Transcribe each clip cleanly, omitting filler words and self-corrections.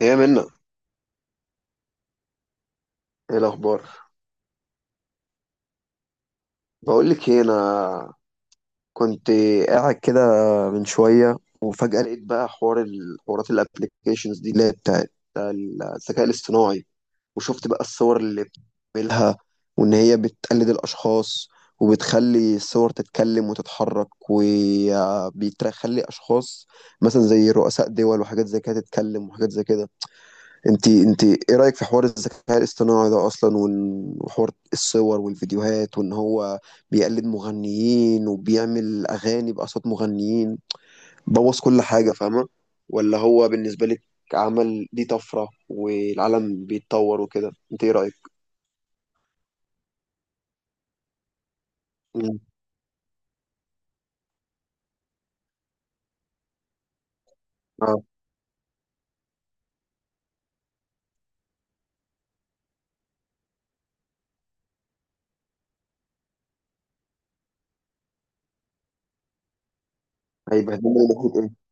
ايه منا، ايه الاخبار؟ بقول لك ايه، انا كنت قاعد كده من شويه وفجاه لقيت بقى حوار الحوارات، الابلكيشنز دي اللي هي بتاعت الذكاء الاصطناعي. وشفت بقى الصور اللي بتعملها، وان هي بتقلد الاشخاص وبتخلي الصور تتكلم وتتحرك، وبيخلي اشخاص مثلا زي رؤساء دول وحاجات زي كده تتكلم وحاجات زي كده. انت ايه رأيك في حوار الذكاء الاصطناعي ده اصلا؟ وحوار الصور والفيديوهات، وان هو بيقلد مغنيين وبيعمل اغاني باصوات مغنيين، بوظ كل حاجة، فاهمة؟ ولا هو بالنسبة لك عمل دي طفرة والعالم بيتطور وكده؟ انت ايه رأيك؟ مم. اه، هيبهدلنا من ناحية ايه؟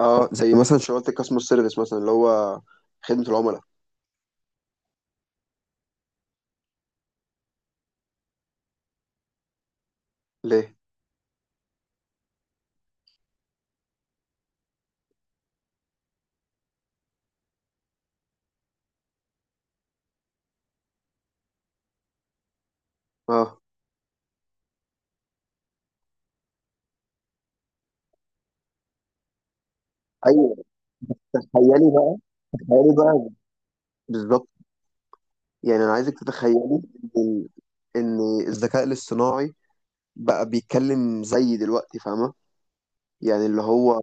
اه، زي مثلا شغلة الكاستمر سيرفيس مثلا، اللي هو خدمة العملاء. ليه؟ اه. ايوه. تخيلي بقى تخيلي بقى. بالظبط. يعني انا عايزك تتخيلي ان ان الذكاء الاصطناعي بقى بيتكلم زي دلوقتي، فاهمه؟ يعني اللي هو،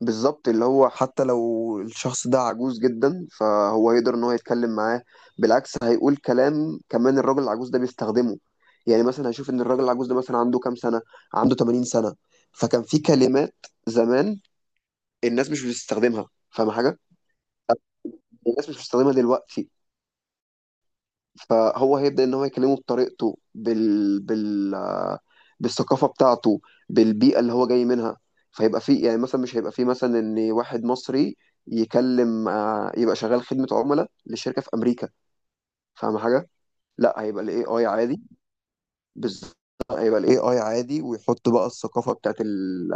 بالظبط، اللي هو حتى لو الشخص ده عجوز جدا فهو يقدر ان هو يتكلم معاه. بالعكس، هيقول كلام كمان الراجل العجوز ده بيستخدمه. يعني مثلا هشوف ان الراجل العجوز ده مثلا عنده كام سنه، عنده 80 سنه، فكان في كلمات زمان الناس مش بتستخدمها، فاهمه حاجه؟ الناس مش بتستخدمها دلوقتي، فهو هيبدأ ان هو يكلمه بطريقته، بالثقافة بتاعته، بالبيئة اللي هو جاي منها. فيبقى فيه، يعني مثلا مش هيبقى فيه مثلا ان واحد مصري يكلم يبقى شغال خدمة عملاء لشركة في أمريكا، فاهم حاجة؟ لا، هيبقى الاي اي عادي. بالظبط. هيبقى الاي اي عادي ويحط بقى الثقافة بتاعت ال...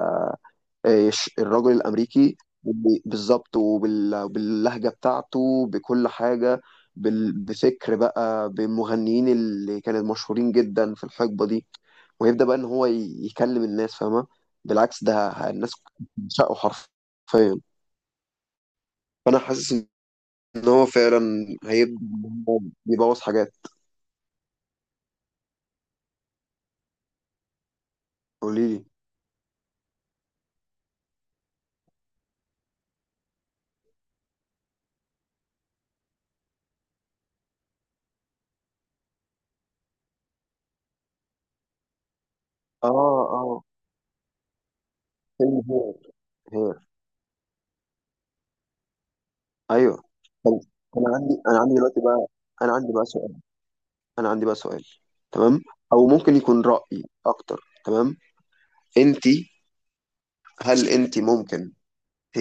آه، ش- الراجل الامريكي. بالظبط، وباللهجه بتاعته، بكل حاجه. بفكر بقى بالمغنيين اللي كانوا مشهورين جدا في الحقبه دي، ويبدا بقى ان هو يكلم الناس، فاهمه؟ بالعكس، ده الناس بتعشقه حرفيا. فانا حاسس ان هو فعلا هيبدا إن هو يبوظ حاجات. قولي لي. اه، اه. فيلم هير. هير. ايوه. طب، انا عندي دلوقتي بقى، انا عندي بقى سؤال انا عندي بقى سؤال. تمام. او ممكن يكون رأي اكتر. تمام. انت، هل انت ممكن، ت-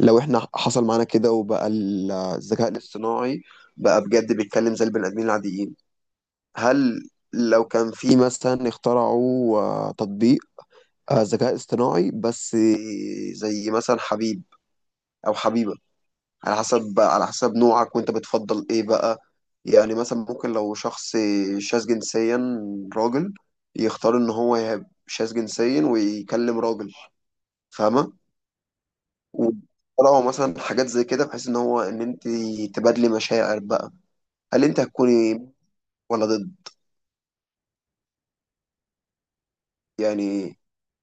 لو احنا حصل معانا كده وبقى الذكاء الاصطناعي بقى بجد بيتكلم زي البني ادمين العاديين، هل لو كان في مثلا اخترعوا تطبيق ذكاء اصطناعي بس، زي مثلا حبيب او حبيبة، على حسب بقى، على حسب نوعك وانت بتفضل ايه بقى، يعني مثلا ممكن لو شخص شاذ جنسيا راجل يختار ان هو يبقى شاذ جنسيا ويكلم راجل، فاهمة؟ وطلعوا مثلا حاجات زي كده، بحيث ان هو ان انت تبادلي مشاعر بقى، هل انت هتكوني ولا ضد؟ يعني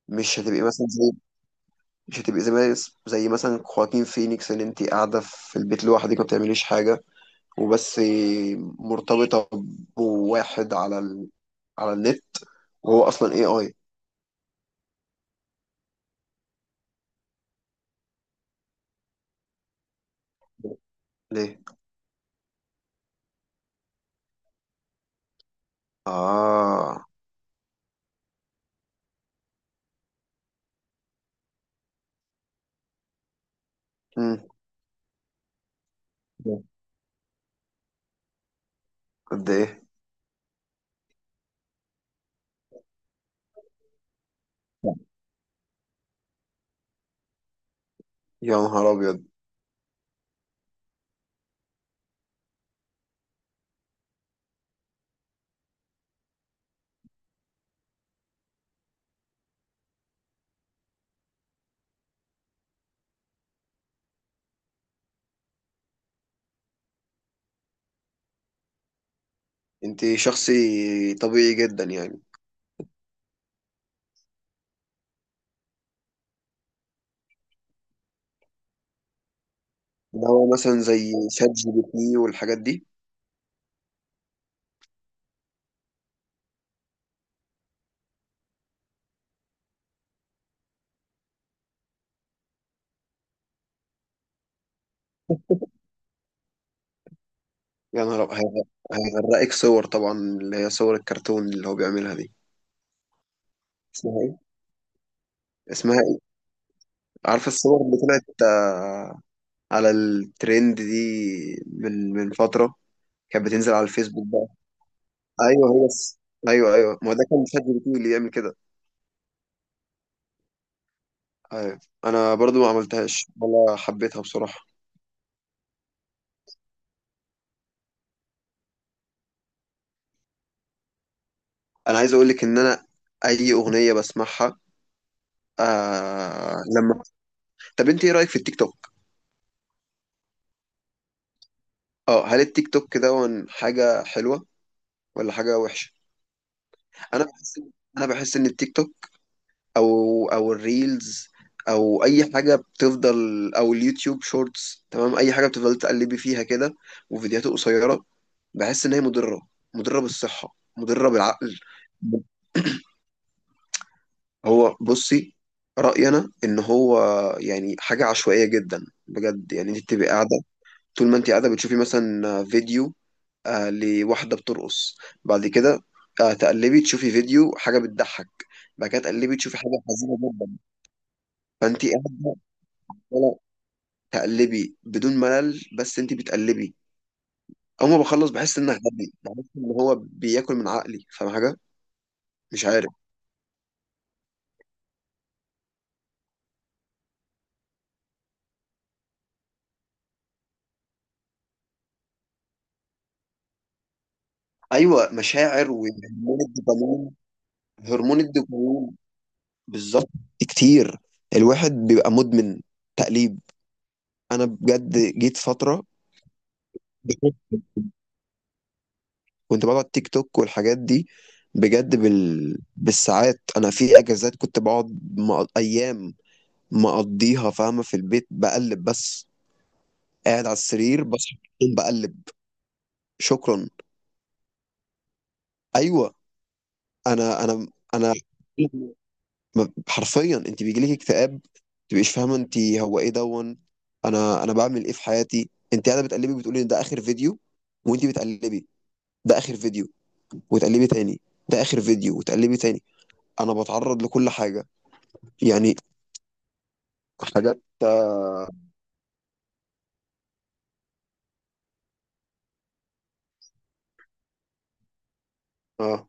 مش هتبقي مثلا زي مش هتبقي زي مثلا خواكين فينيكس، ان انت قاعدة في البيت لوحدك ما بتعمليش حاجة وبس، مرتبطة بواحد على على النت وهو اصلا اي اي. ليه؟ اه. امم. قد ايه؟ يا نهار ابيض. انت شخصي طبيعي جدا يعني. اللي هو مثلا زي شات جي بي تي والحاجات دي. يا نهار ابيض. هيغرقك صور طبعا، اللي هي صور الكرتون اللي هو بيعملها دي. اسمها ايه؟ اسمها ايه؟ عارفه الصور اللي طلعت على الترند دي، من من فتره كانت بتنزل على الفيسبوك بقى؟ ايوه، ايوه ايوه، ما هو ده كان شات جي بي تي اللي يعمل كده. أيوة. انا برضو ما عملتهاش ولا حبيتها بصراحه. انا عايز اقول لك ان انا اي اغنيه بسمعها، آه. طب انت ايه رايك في التيك توك؟ اه، هل التيك توك ده حاجه حلوه ولا حاجه وحشه؟ انا بحس انا بحس ان التيك توك، او الريلز، او اي حاجه بتفضل، او اليوتيوب شورتس، تمام، اي حاجه بتفضل تقلبي فيها كده وفيديوهات قصيره، بحس ان هي مضره، مضره بالصحه، مضره بالعقل. هو بصي، رأيي أنا إن هو يعني حاجة عشوائية جدا بجد. يعني أنت بتبقي قاعدة، طول ما أنت قاعدة بتشوفي مثلا فيديو لواحدة بترقص، بعد كده تقلبي تشوفي فيديو حاجة بتضحك، بعد كده تقلبي تشوفي حاجة حزينة جدا. فأنت قاعدة ولا تقلبي بدون ملل، بس أنت بتقلبي. أول ما بخلص بحس إن أنا غبي، بحس إن هو بياكل من عقلي، فاهم حاجة؟ مش عارف. أيوه، مشاعر وهرمون الدوبامين. هرمون الدوبامين، بالضبط. كتير، الواحد بيبقى مُدمن تقليب. أنا بجد جيت فترة كنت باقعد تيك توك والحاجات دي، بجد بالساعات. أنا في أجازات كنت باقعد أيام مقضّيها، فاهمة، في البيت باقلّب بس، قاعد على السرير، باصحى من النوم باقلّب، شكرًا. أيوه. أنا أنا أنا حرفيا انت بيجيلك اكتئاب، تبقيش فاهمه انت هو ايه دون، انا بعمل ايه في حياتي؟ انت قاعده بتقلبي، بتقولي ان ده اخر فيديو وانت بتقلبي، ده اخر فيديو وتقلبي تاني، ده اخر فيديو وتقلبي تاني. انا بتعرض لكل حاجه، يعني حاجات آه،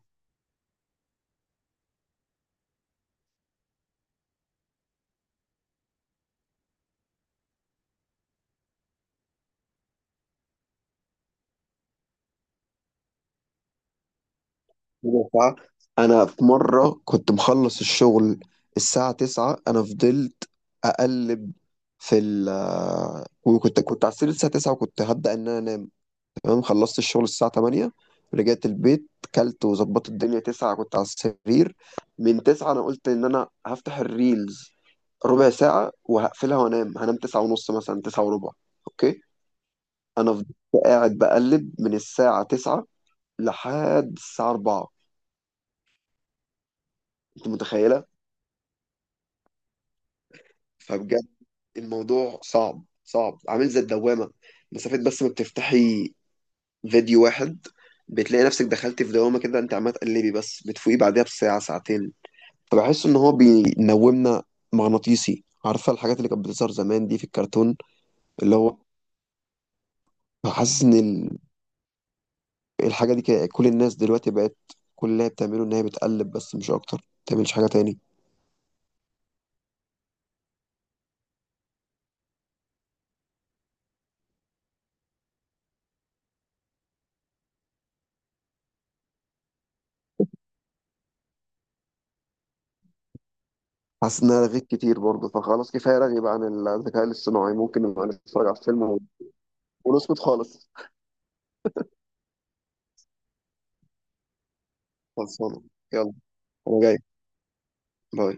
مجرحة. انا في مره كنت مخلص الشغل الساعه 9، انا فضلت اقلب في ال آه، وكنت على السرير الساعه 9، وكنت هبدا ان انا انام. تمام، خلصت الشغل الساعة 8، رجعت البيت، كلت وظبطت الدنيا، 9 كنت على السرير. من 9 انا قلت ان انا هفتح الريلز ربع ساعة وهقفلها وانام، هنام 9 ونص مثلا، 9 وربع. اوكي. انا فضلت قاعد بقلب من الساعة 9 لحد الساعة 4. انت متخيلة؟ فبجد الموضوع صعب صعب، عامل زي الدوامة. مسافة بس ما بتفتحي فيديو واحد بتلاقي نفسك دخلتي في دوامة كده، انت عمال تقلبي بس، بتفوقي بعدها بساعة ساعتين. فبحس ان هو بينومنا مغناطيسي، عارفه الحاجات اللي كانت بتظهر زمان دي في الكرتون؟ اللي هو، حاسس ان الحاجه دي كده، كل الناس دلوقتي بقت كل اللي هي بتعمله ان هي بتقلب بس، مش اكتر، ما بتعملش حاجه تاني. حاسس ان انا رغيت كتير برضه، فخلاص، كفايه رغي بقى عن الذكاء الاصطناعي، ممكن نبقى نتفرج على الفيلم ونسكت خالص. خلصانه. يلا، انا جاي. باي.